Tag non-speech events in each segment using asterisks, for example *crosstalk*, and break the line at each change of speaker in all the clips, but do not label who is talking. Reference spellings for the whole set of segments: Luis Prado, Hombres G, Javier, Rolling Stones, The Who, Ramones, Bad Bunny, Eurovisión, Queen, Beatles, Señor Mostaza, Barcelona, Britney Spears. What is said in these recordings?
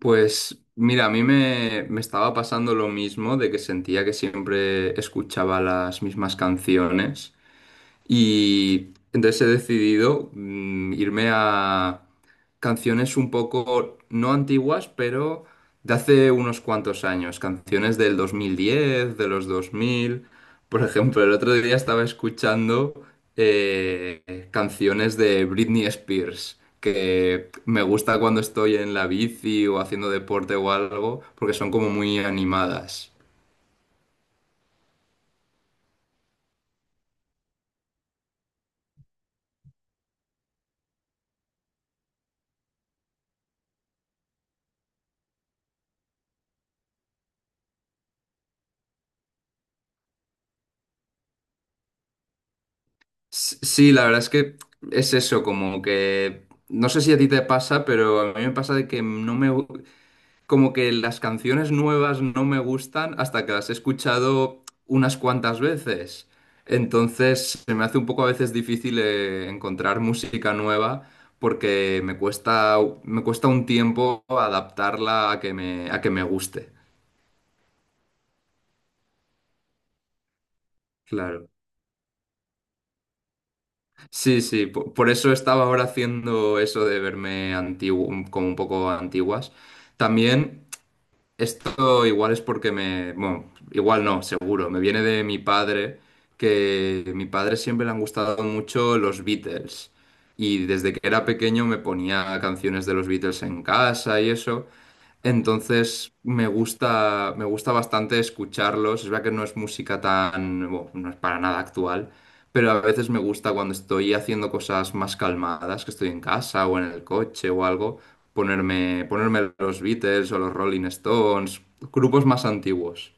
Pues mira, a mí me estaba pasando lo mismo de que sentía que siempre escuchaba las mismas canciones y entonces he decidido irme a canciones un poco, no antiguas, pero de hace unos cuantos años. Canciones del 2010, de los 2000. Por ejemplo, el otro día estaba escuchando canciones de Britney Spears, que me gusta cuando estoy en la bici o haciendo deporte o algo, porque son como muy animadas. Sí, la verdad es que es eso, como que no sé si a ti te pasa, pero a mí me pasa de que no me gu- como que las canciones nuevas no me gustan hasta que las he escuchado unas cuantas veces. Entonces se me hace un poco a veces difícil encontrar música nueva porque me cuesta un tiempo adaptarla a que me guste. Claro. Sí, sí, por eso estaba ahora haciendo eso de verme antiguo, como un poco antiguas. También esto igual es porque bueno, igual no, seguro, me viene de mi padre, que mi padre siempre le han gustado mucho los Beatles. Y desde que era pequeño me ponía canciones de los Beatles en casa y eso. Entonces me gusta bastante escucharlos. Es verdad que no es música tan, bueno, no es para nada actual, pero a veces me gusta cuando estoy haciendo cosas más calmadas, que estoy en casa o en el coche o algo, ponerme los Beatles o los Rolling Stones, grupos más antiguos.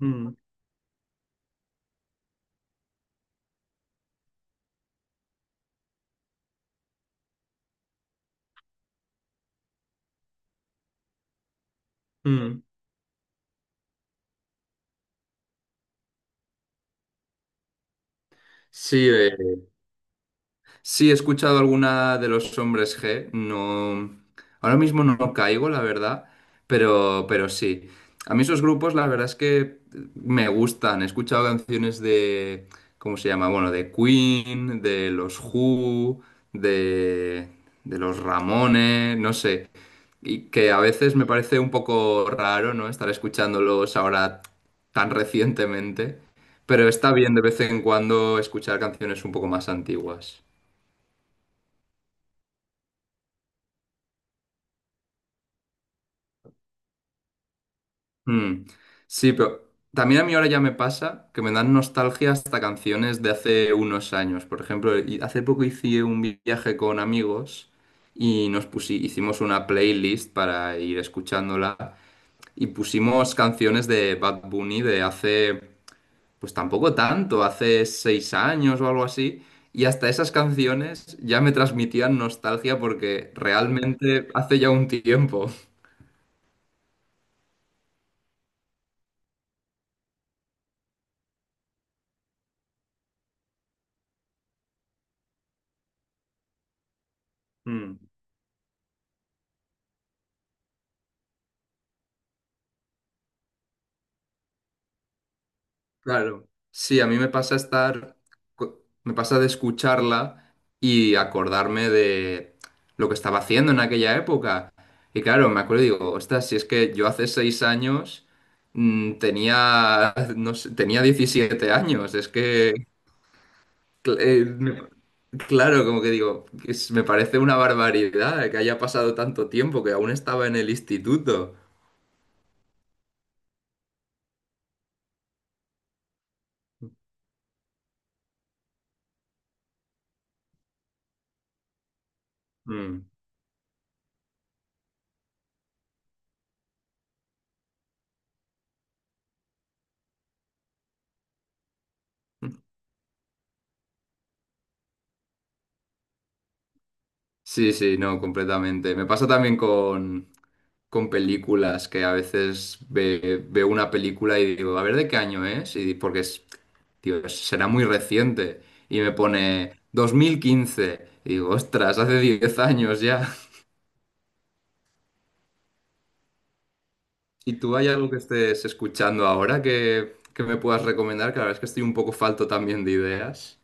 Mm, mm. Sí, sí, he escuchado alguna de los hombres G. No, ahora mismo no caigo, la verdad, pero sí. A mí esos grupos, la verdad es que me gustan. He escuchado canciones de, ¿cómo se llama? Bueno, de Queen, de los Who, de, de los Ramones, no sé. Y que a veces me parece un poco raro, ¿no? Estar escuchándolos ahora tan recientemente. Pero está bien de vez en cuando escuchar canciones un poco más antiguas. Mm. Sí, pero también a mí ahora ya me pasa que me dan nostalgia hasta canciones de hace unos años. Por ejemplo, hace poco hice un viaje con amigos y hicimos una playlist para ir escuchándola y pusimos canciones de Bad Bunny de hace, pues tampoco tanto, hace 6 años o algo así. Y hasta esas canciones ya me transmitían nostalgia porque realmente hace ya un tiempo. Mm. Claro, sí, a mí me pasa me pasa de escucharla y acordarme de lo que estaba haciendo en aquella época. Y claro, me acuerdo y digo, ostras, si es que yo hace 6 años tenía, *laughs* no sé, tenía 17 años, es que, cl- eh, me- claro, como que digo, me parece una barbaridad que haya pasado tanto tiempo, que aún estaba en el instituto. Mm. Sí, sí, no, completamente. Me pasa también con películas que a veces veo una película y digo, a ver de qué año es, porque es, tío, será muy reciente. Y me pone 2015. Y digo, ostras, hace 10 años ya. *laughs* ¿Y tú hay algo que estés escuchando ahora que me puedas recomendar? Que la verdad es que estoy un poco falto también de ideas.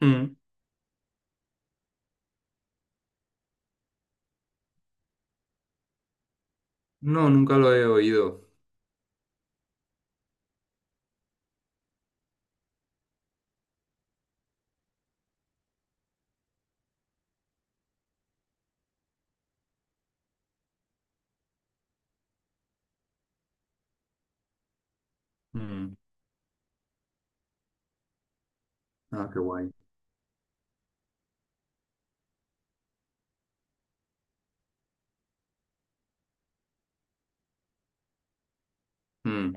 Mm. No, nunca lo he oído. Mm. Ah, qué guay. Mm.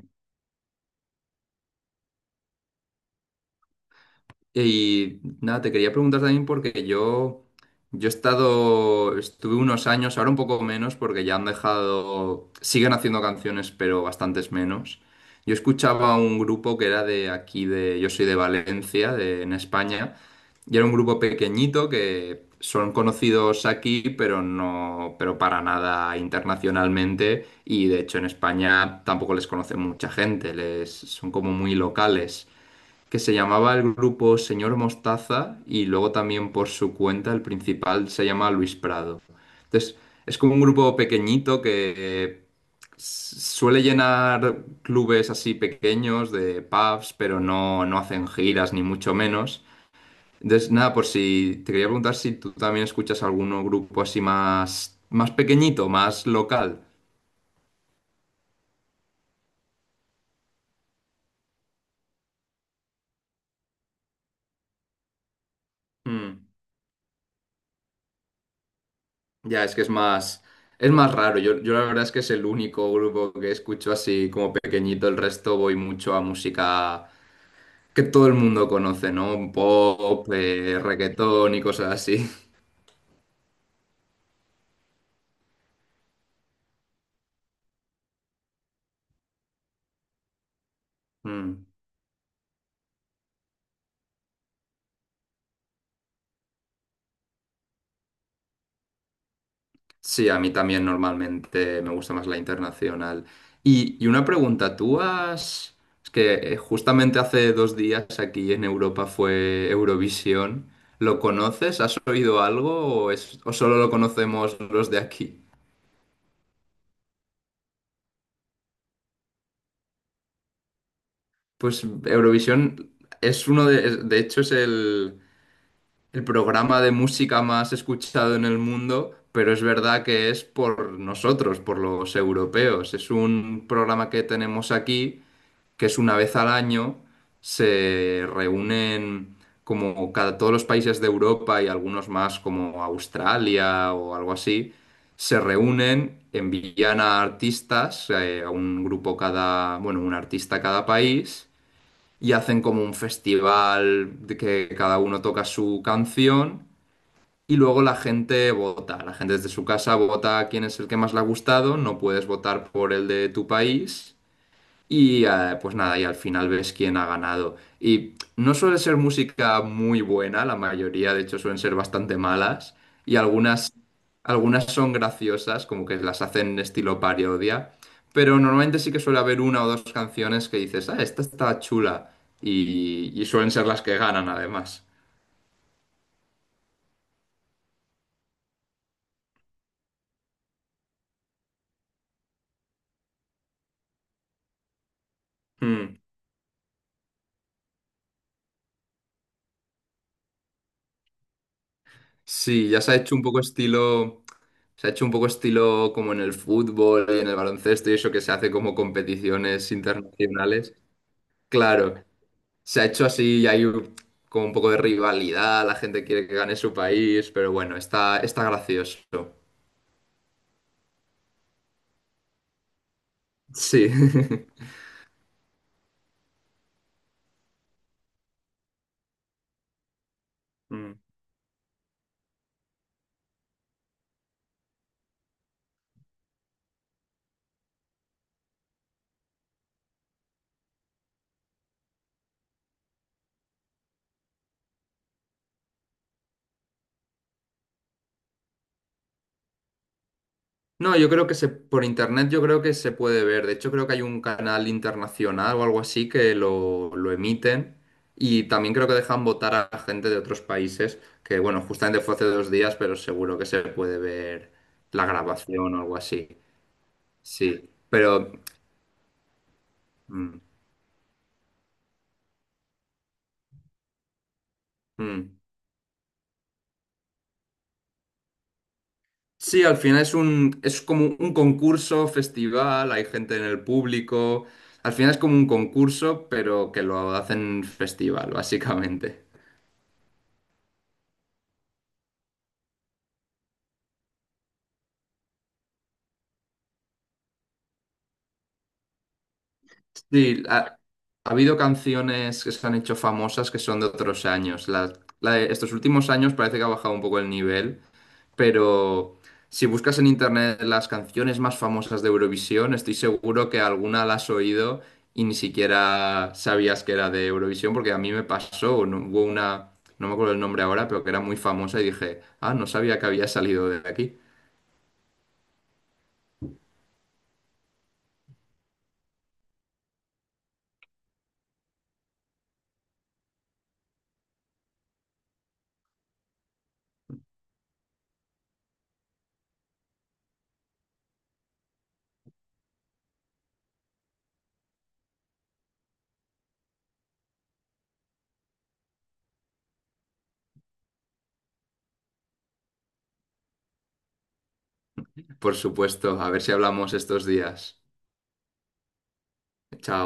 Y nada, te quería preguntar también porque yo estuve unos años, ahora un poco menos porque ya han dejado, siguen haciendo canciones, pero bastantes menos. Yo escuchaba un grupo que era de aquí, yo soy de Valencia, en España, y era un grupo pequeñito que son conocidos aquí, pero no, pero para nada internacionalmente, y de hecho en España tampoco les conoce mucha gente, son como muy locales que se llamaba el grupo Señor Mostaza y luego también por su cuenta el principal se llama Luis Prado. Entonces, es como un grupo pequeñito que suele llenar clubes así pequeños de pubs, pero no, no hacen giras ni mucho menos. Entonces, nada, por si te quería preguntar si tú también escuchas algún grupo así más pequeñito, más local. Mm. Ya, es que es más raro. Yo la verdad es que es el único grupo que escucho así como pequeñito. El resto voy mucho a música que todo el mundo conoce, ¿no? Pop, reggaetón y cosas así. *laughs* Mm. Sí, a mí también normalmente me gusta más la internacional. Y una pregunta, tú has... Es que justamente hace 2 días aquí en Europa fue Eurovisión. ¿Lo conoces? ¿Has oído algo o solo lo conocemos los de aquí? Pues Eurovisión es uno de, es- de hecho es el programa de música más escuchado en el mundo, pero es verdad que es por nosotros, por los europeos. Es un programa que tenemos aquí, que es una vez al año, se reúnen como todos los países de Europa y algunos más como Australia o algo así, se reúnen, envían a artistas, a un grupo cada, bueno, un artista a cada país y hacen como un festival de que cada uno toca su canción y luego la gente vota. La gente desde su casa vota quién es el que más le ha gustado, no puedes votar por el de tu país y pues nada, y al final ves quién ha ganado. Y no suele ser música muy buena, la mayoría de hecho suelen ser bastante malas. Y algunas son graciosas, como que las hacen estilo parodia. Pero normalmente sí que suele haber una o dos canciones que dices, ah, esta está chula. Y suelen ser las que ganan además. Mm. Sí, ya se ha hecho un poco estilo... Se ha hecho un poco estilo como en el fútbol y en el baloncesto y eso que se hace como competiciones internacionales. Claro, se ha hecho así y hay como un poco de rivalidad, la gente quiere que gane su país, pero bueno, está gracioso. Sí. *laughs* Mm. No, yo creo por internet yo creo que se puede ver. De hecho, creo que hay un canal internacional o algo así que lo emiten. Y también creo que dejan votar a gente de otros países, que bueno, justamente fue hace 2 días, pero seguro que se puede ver la grabación o algo así. Sí, pero. Mm, mm. Sí, al final es como un concurso, festival, hay gente en el público. Al final es como un concurso, pero que lo hacen festival, básicamente. Sí, ha habido canciones que se han hecho famosas que son de otros años. La de estos últimos años parece que ha bajado un poco el nivel, pero si buscas en internet las canciones más famosas de Eurovisión, estoy seguro que alguna la has oído y ni siquiera sabías que era de Eurovisión, porque a mí me pasó, hubo una, no me acuerdo el nombre ahora, pero que era muy famosa y dije, ah, no sabía que había salido de aquí. Por supuesto, a ver si hablamos estos días. Chao.